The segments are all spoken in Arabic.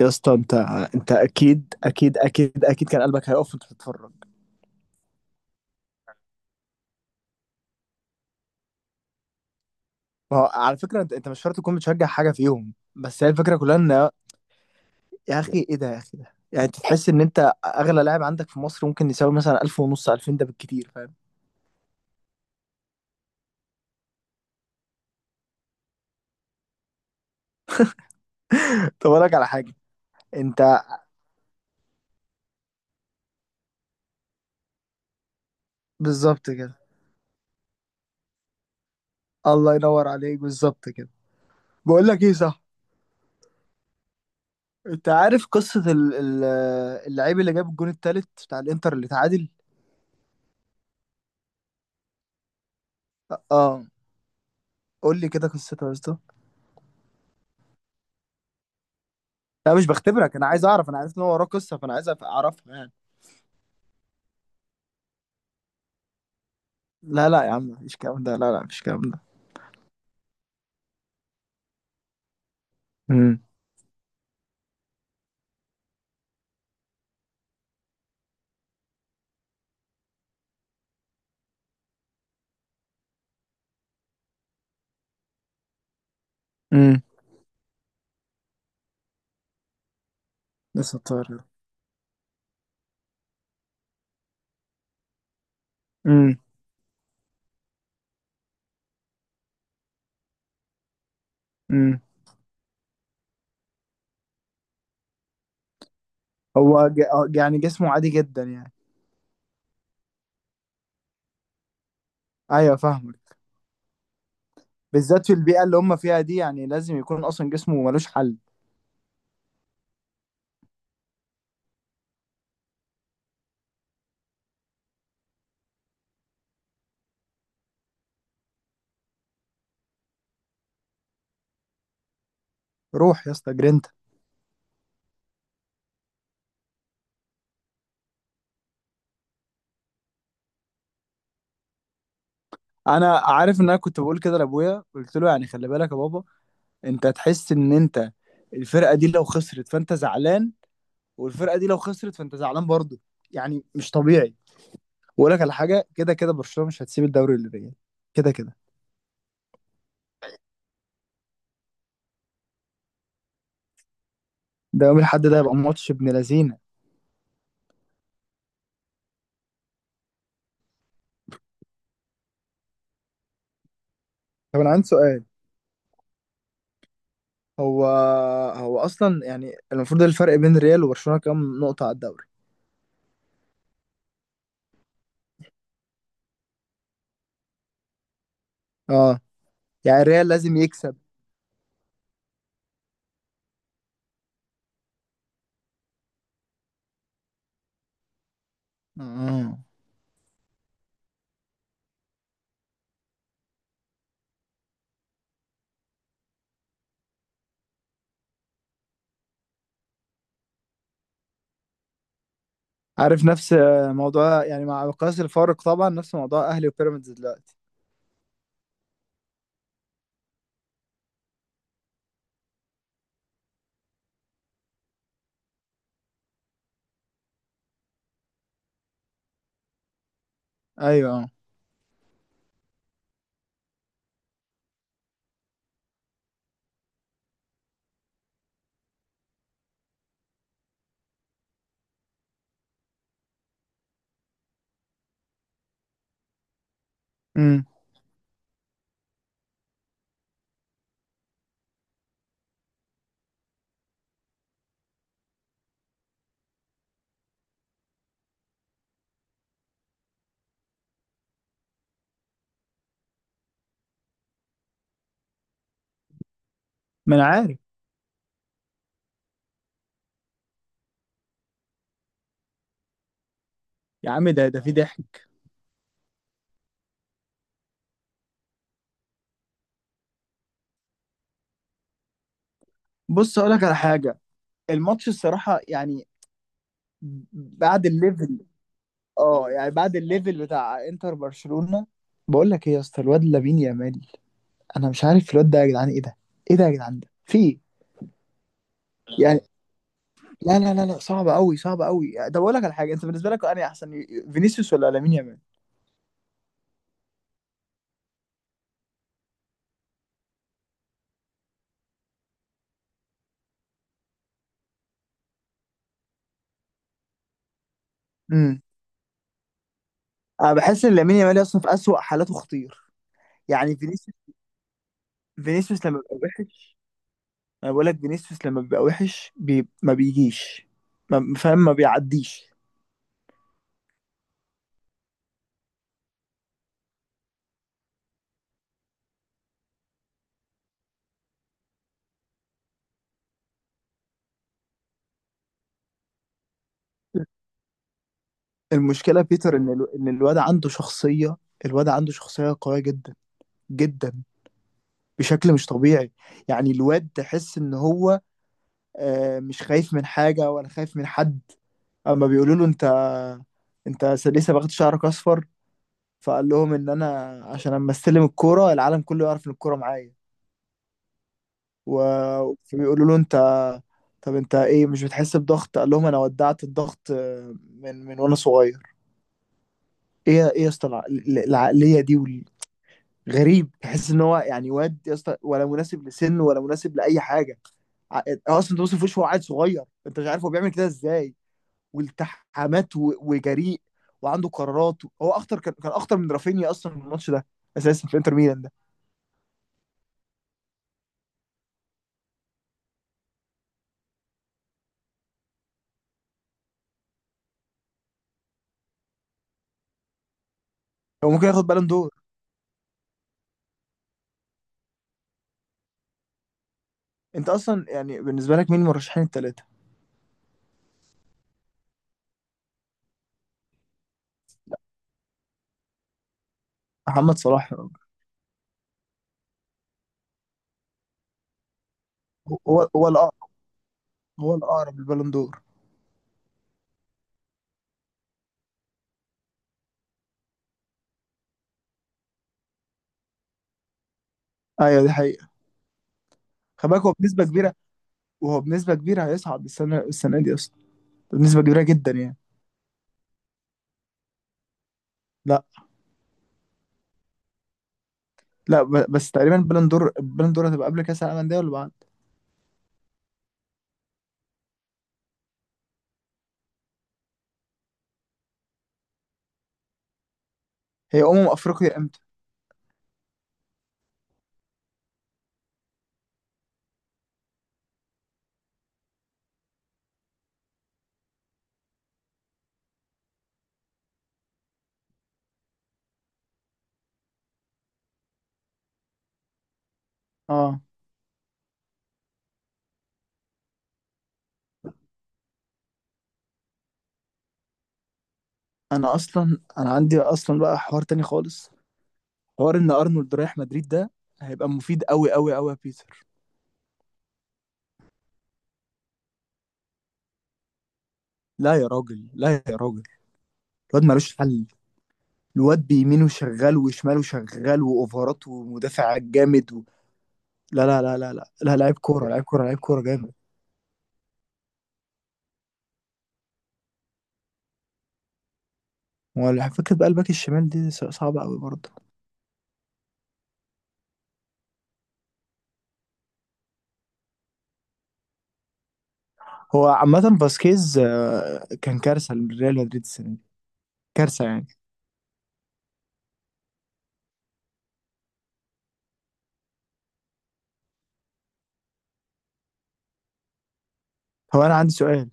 يا اسطى انت اكيد اكيد اكيد اكيد كان قلبك هيقف وانت بتتفرج. ما هو على فكره انت مش شرط تكون بتشجع حاجه فيهم، بس هي الفكره كلها ان، يا اخي ايه ده؟ يا اخي ده يعني انت تحس ان انت اغلى لاعب عندك في مصر ممكن يساوي مثلا 1000 ونص 2000، ده بالكتير، فاهم؟ طب اقول لك على حاجه. انت بالظبط كده. الله ينور عليك، بالظبط كده. بقول لك ايه، صح؟ انت عارف قصه اللعيب اللي جاب الجون التالت بتاع الانتر اللي تعادل؟ اه، قول لي كده قصته يا اسطى. لا مش بختبرك، انا عايز اعرف، انا عارف ان هو وراه قصه فانا عايز اعرفها يعني. لا لا يا عم، مفيش الكلام ده، لا لا مفيش الكلام ده. امم. امم. لسه طاير؟ امم. امم. هو ج... آه، يعني جسمه عادي جدا يعني. ايوه، فاهمك. بالذات في البيئه اللي هم فيها دي، يعني لازم يكون اصلا جسمه ملوش حل. روح يا اسطى جرينتا. انا عارف، ان انا كنت بقول كده لابويا، قلت له يعني خلي بالك يا بابا، انت تحس ان انت الفرقه دي لو خسرت فانت زعلان، والفرقه دي لو خسرت فانت زعلان برضه، يعني مش طبيعي. واقول لك على حاجه، كده كده برشلونه مش هتسيب الدوري للريال، كده كده. ده يوم الاحد ده هيبقى ماتش ابن لذينه. طب انا عندي سؤال، هو هو اصلا يعني المفروض الفرق بين الريال وبرشلونه كام نقطه على الدوري؟ اه. يعني الريال لازم يكسب. اه، عارف نفس آه، موضوع، يعني مع مقياس الفارق طبعا، نفس موضوع اهلي وبيراميدز دلوقتي. ايوه. اه. امم. ما انا عارف. يا عم ده في ضحك. بص اقول لك على حاجه، الماتش الصراحه يعني، بعد الليفل، اه يعني بعد الليفل بتاع انتر برشلونة. بقول لك ايه يا اسطى، الواد لامين يامال، انا مش عارف الواد ده، يا جدعان ايه ده؟ ايه ده يا جدعان، ده في ايه؟ يعني، لا لا لا لا صعب قوي، صعب قوي. ده بقول لك على حاجه، انت بالنسبه لك انا احسن، فينيسيوس ولا لامين يامال؟ امم. انا بحس ان لامين يامال اصلا في اسوأ حالاته خطير، يعني فينيسيوس، فينيسيوس لما بيبقى وحش، انا بقول لك فينيسيوس لما بيبقى وحش بي... ما بيجيش، ما... فاهم؟ ما بيعديش. المشكله بيتر ان الواد عنده شخصيه، الواد عنده شخصيه قويه جدا، جدا، بشكل مش طبيعي. يعني الواد تحس ان هو آه، مش خايف من حاجة ولا خايف من حد. اما بيقولوا له انت، انت لسه باخد شعرك اصفر، فقال لهم ان انا عشان اما استلم الكورة العالم كله يعرف ان الكورة معايا. فبيقولوا له انت، طب انت ايه مش بتحس بضغط؟ قال لهم انا ودعت الضغط آه، من وانا صغير. ايه ايه يا اسطى العقلية دي غريب، تحس ان هو يعني واد يا اسطى، ولا مناسب لسنه ولا مناسب لاي حاجة. ع- آه، اصلا توم وش، هو عيل صغير، انت مش عارف هو بيعمل كده ازاي. والتحامات وجريء، وعنده قرارات. هو اخطر، كان اخطر من رافينيا اصلا في الماتش ده، اساسا في انتر ميلان ده. هو ممكن ياخد بالون دور. انت اصلا يعني بالنسبه لك مين المرشحين الثلاثه؟ محمد صلاح. هو الأقرب، هو الاقرب للبالون دور. ايوه، دي حقيقه. خلي بالك، هو بنسبه كبيره، وهو بنسبه كبيره هيصعد السنه دي اصلا بنسبه كبيره جدا يعني. لا لا، بس تقريبا بالون دور، البالون دور هتبقى قبل كاس العالم للانديه ولا بعد؟ هي افريقيا امتى؟ اه، انا عندي اصلا بقى حوار تاني خالص، حوار ان ارنولد رايح مدريد ده هيبقى مفيد قوي قوي قوي يا بيتر. لا يا راجل، لا يا راجل، الواد ملوش حل، الواد بيمينه شغال وشماله شغال واوفرات ومدافع جامد و... لا لا لا لا لا لا، لعيب كوره، لعيب كوره، لعيب كوره جامد. فكره بقى الباك الشمال دي صعبه قوي برضه. هو عامه فاسكيز آه، كان كارثه لريال مدريد السنه دي، كارثه يعني. هو انا عندي سؤال،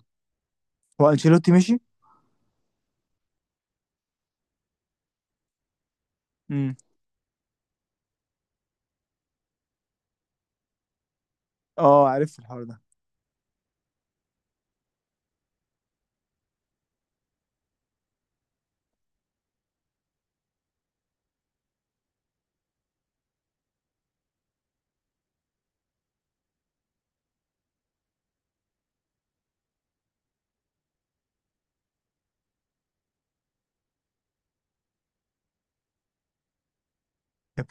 هو انشيلوتي مشي؟ امم. اه، عرفت الحوار ده.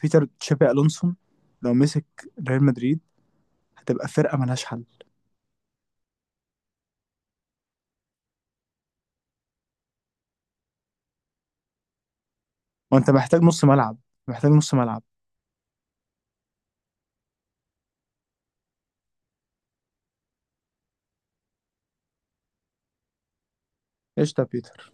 بيتر، تشابي الونسو لو مسك ريال مدريد هتبقى فرقه ملهاش حل. وانت محتاج نص ملعب، محتاج نص ملعب. قشطه يا بيتر.